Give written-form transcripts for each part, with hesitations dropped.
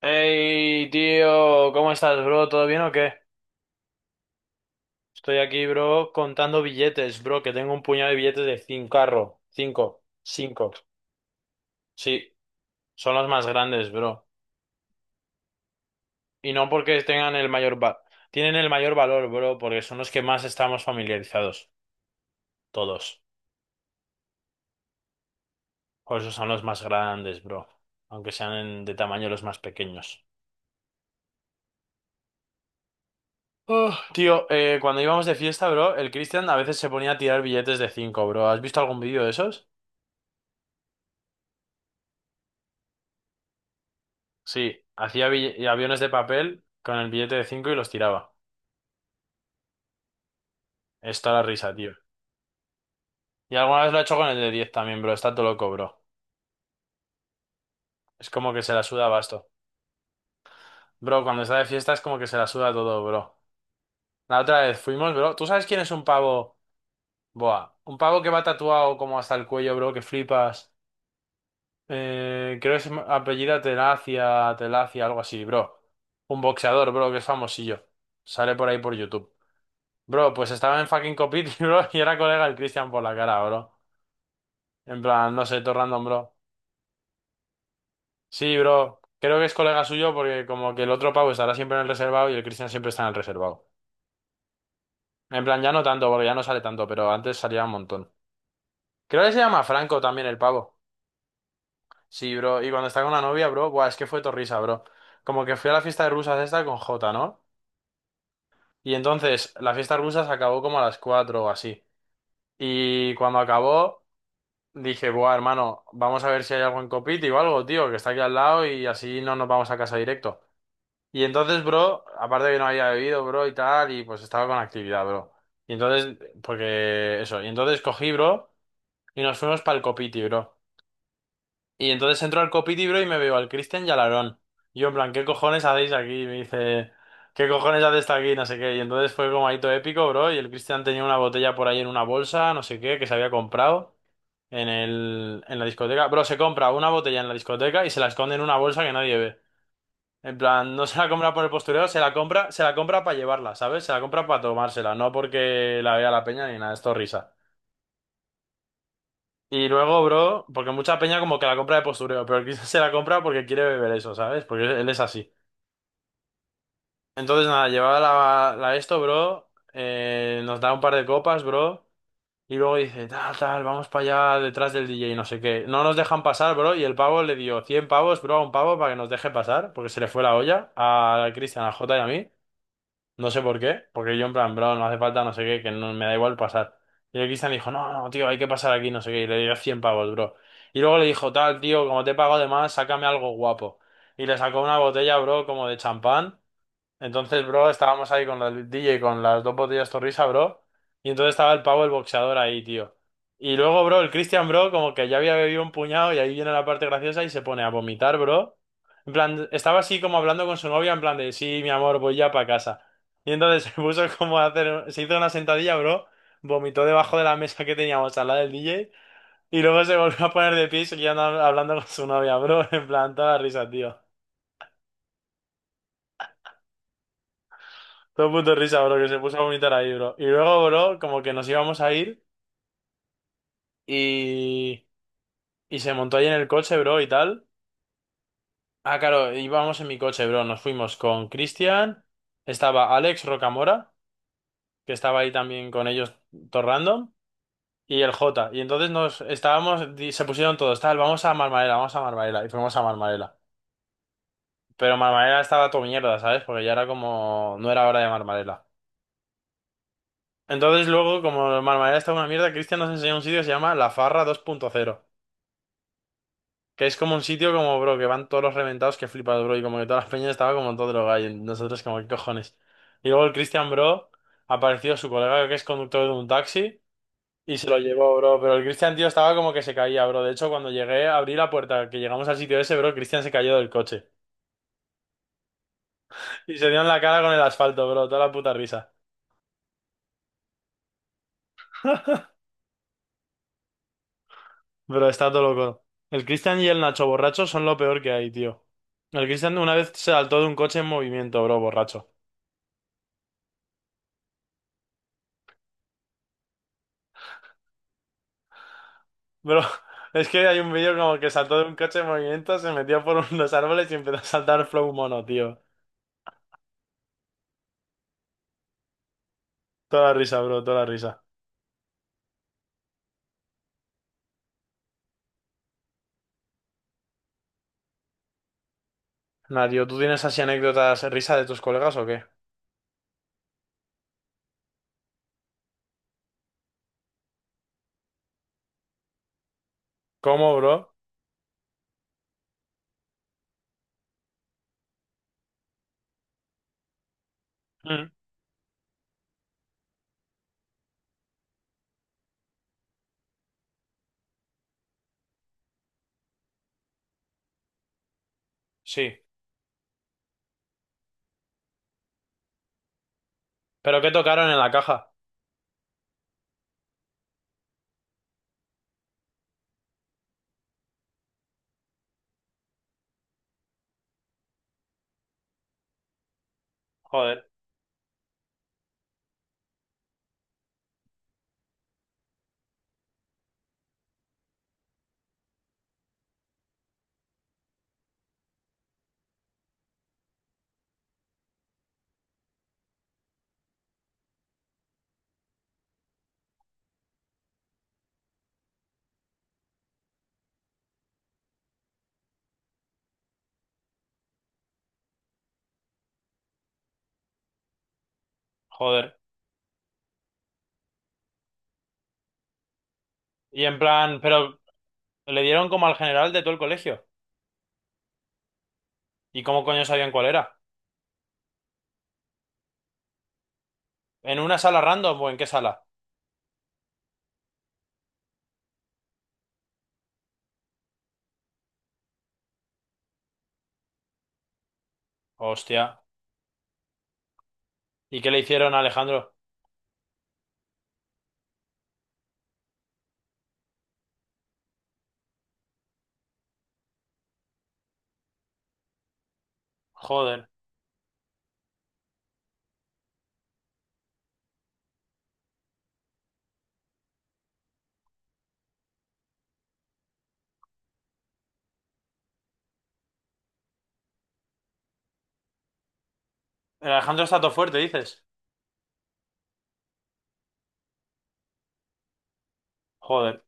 Hey, tío, ¿cómo estás, bro? ¿Todo bien o qué? Estoy aquí, bro, contando billetes, bro, que tengo un puñado de billetes de 5 cincarro. Cinco, cinco. Sí, son los más grandes, bro. Y no porque tengan el mayor tienen el mayor valor, bro, porque son los que más estamos familiarizados, todos. Por eso son los más grandes, bro. Aunque sean de tamaño los más pequeños. Oh, tío, cuando íbamos de fiesta, bro, el Cristian a veces se ponía a tirar billetes de 5, bro. ¿Has visto algún vídeo de esos? Sí, hacía aviones de papel con el billete de 5 y los tiraba. Está la risa, tío. Y alguna vez lo ha hecho con el de 10 también, bro. Está todo loco, bro. Es como que se la suda basto. Bro, cuando está de fiesta es como que se la suda todo, bro. La otra vez fuimos, bro. ¿Tú sabes quién es un pavo? Boa. Un pavo que va tatuado como hasta el cuello, bro, que flipas. Creo que apellida Telacia, Telacia, algo así, bro. Un boxeador, bro, que es famosillo. Sale por ahí por YouTube. Bro, pues estaba en fucking Copiti, bro, y era colega del Cristian por la cara, bro. En plan, no sé, todo random, bro. Sí, bro. Creo que es colega suyo porque como que el otro Pau estará siempre en el reservado y el Cristian siempre está en el reservado. En plan, ya no tanto, porque ya no sale tanto, pero antes salía un montón. Creo que se llama Franco también el pavo. Sí, bro. Y cuando está con la novia, bro, buah, es que fue torrisa, bro. Como que fui a la fiesta de rusas esta con Jota, ¿no? Y entonces, la fiesta de rusas acabó como a las 4 o así. Y cuando acabó, dije, buah, hermano, vamos a ver si hay algo en Copiti o algo, tío, que está aquí al lado y así no nos vamos a casa directo. Y entonces, bro, aparte de que no había bebido, bro, y tal, y pues estaba con actividad, bro. Y entonces, porque eso, y entonces cogí, bro, y nos fuimos para el Copiti, bro. Y entonces entro al Copiti, bro, y me veo al Cristian y al Aarón. Y yo, en plan, ¿qué cojones hacéis aquí? Y me dice, ¿qué cojones haces aquí? No sé qué. Y entonces fue como ahí todo épico, bro, y el Cristian tenía una botella por ahí en una bolsa, no sé qué, que se había comprado en la discoteca. Bro, se compra una botella en la discoteca y se la esconde en una bolsa que nadie ve. En plan, no se la compra por el postureo, se la compra para llevarla, ¿sabes? Se la compra para tomársela, no porque la vea la peña ni nada, esto risa. Y luego, bro, porque mucha peña como que la compra de postureo, pero quizás se la compra porque quiere beber eso, ¿sabes? Porque él es así. Entonces, nada, llevaba la esto, bro, nos da un par de copas, bro, y luego dice, tal, tal, vamos para allá detrás del DJ, no sé qué. No nos dejan pasar, bro, y el pavo le dio 100 pavos, bro, a un pavo para que nos deje pasar, porque se le fue la olla a Cristian, a Jota y a mí. No sé por qué, porque yo en plan, bro, no hace falta, no sé qué, que no me da igual pasar. Y el Cristian dijo, no, no, no, tío, hay que pasar aquí, no sé qué, y le dio 100 pavos, bro. Y luego le dijo, tal, tío, como te pago de más, sácame algo guapo. Y le sacó una botella, bro, como de champán, entonces, bro, estábamos ahí con el DJ con las dos botellas Torrisa, bro. Y entonces estaba el pavo, el boxeador ahí, tío. Y luego, bro, el Christian, bro, como que ya había bebido un puñado y ahí viene la parte graciosa y se pone a vomitar, bro. En plan, estaba así como hablando con su novia, en plan de, sí, mi amor, voy ya para casa. Y entonces se puso como a hacer, se hizo una sentadilla, bro. Vomitó debajo de la mesa que teníamos al lado del DJ. Y luego se volvió a poner de pie y seguía hablando con su novia, bro. En plan, toda risa, tío. Todo el mundo risa, bro, que se puso a vomitar ahí, bro. Y luego, bro, como que nos íbamos a ir y, y se montó ahí en el coche, bro, y tal. Ah, claro, íbamos en mi coche, bro. Nos fuimos con Cristian, estaba Alex Rocamora, que estaba ahí también con ellos, todo random, y el Jota. Y entonces nos estábamos, se pusieron todos, tal, vamos a Marmarela, vamos a Marmarela. Y fuimos a Marmarela. Pero Marmarela estaba todo mierda, ¿sabes? Porque ya era como, no era hora de Marmarela. Entonces luego, como Marmarela estaba una mierda, Cristian nos enseñó un sitio que se llama La Farra 2.0. Que es como un sitio como, bro, que van todos los reventados que flipas, bro. Y como que todas las peñas estaba como todo drogado. Y nosotros como, ¿qué cojones? Y luego el Cristian, bro, apareció su colega que es conductor de un taxi y se lo llevó, bro. Pero el Cristian, tío, estaba como que se caía, bro. De hecho, cuando llegué, abrí la puerta, que llegamos al sitio ese, bro, Cristian se cayó del coche. Y se dio en la cara con el asfalto, bro. Toda la puta risa. Bro, está todo loco. El Cristian y el Nacho borracho son lo peor que hay, tío. El Cristian una vez se saltó de un coche en movimiento, bro, borracho. Bro, es que hay un vídeo como que saltó de un coche en movimiento, se metió por unos árboles y empezó a saltar flow mono, tío. Toda la risa, bro, toda la risa. Nadio, ¿tú tienes así anécdotas risa de tus colegas o qué? ¿Cómo, bro? Mm, sí. ¿Pero qué tocaron en la caja? Joder, joder. Y en plan, pero le dieron como al general de todo el colegio. ¿Y cómo coño sabían cuál era? ¿En una sala random o en qué sala? Hostia. ¿Y qué le hicieron a Alejandro? Joder. El Alejandro está todo fuerte, dices. Joder.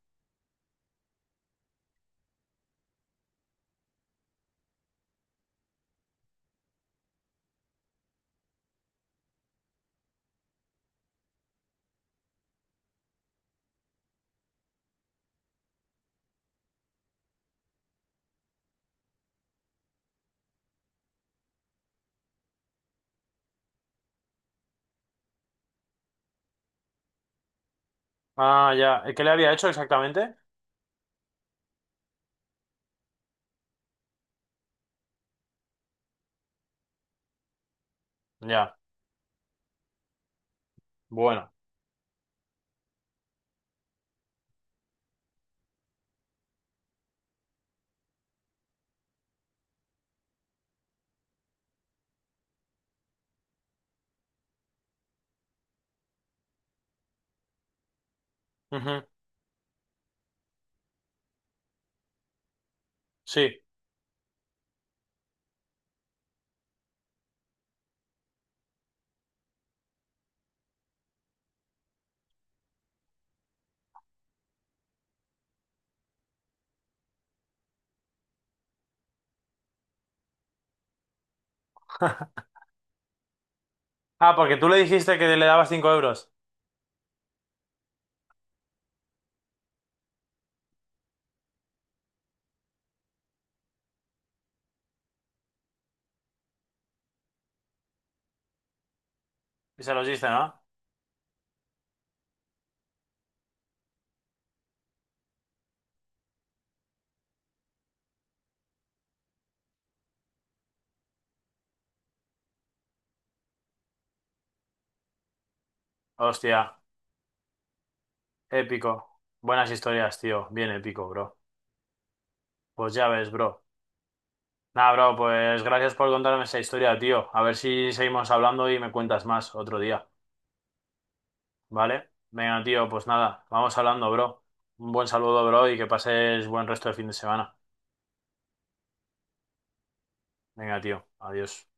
Ah, ya. ¿Y qué le había hecho exactamente? Ya, bueno. Ujú, sí. Ah, porque tú le dijiste que le dabas 5 euros y se los diste, ¿no? Hostia, épico. Buenas historias, tío. Bien épico, bro. Pues ya ves, bro. Nada, bro, pues gracias por contarme esa historia, tío. A ver si seguimos hablando y me cuentas más otro día, ¿vale? Venga, tío, pues nada, vamos hablando, bro. Un buen saludo, bro, y que pases buen resto de fin de semana. Venga, tío, adiós.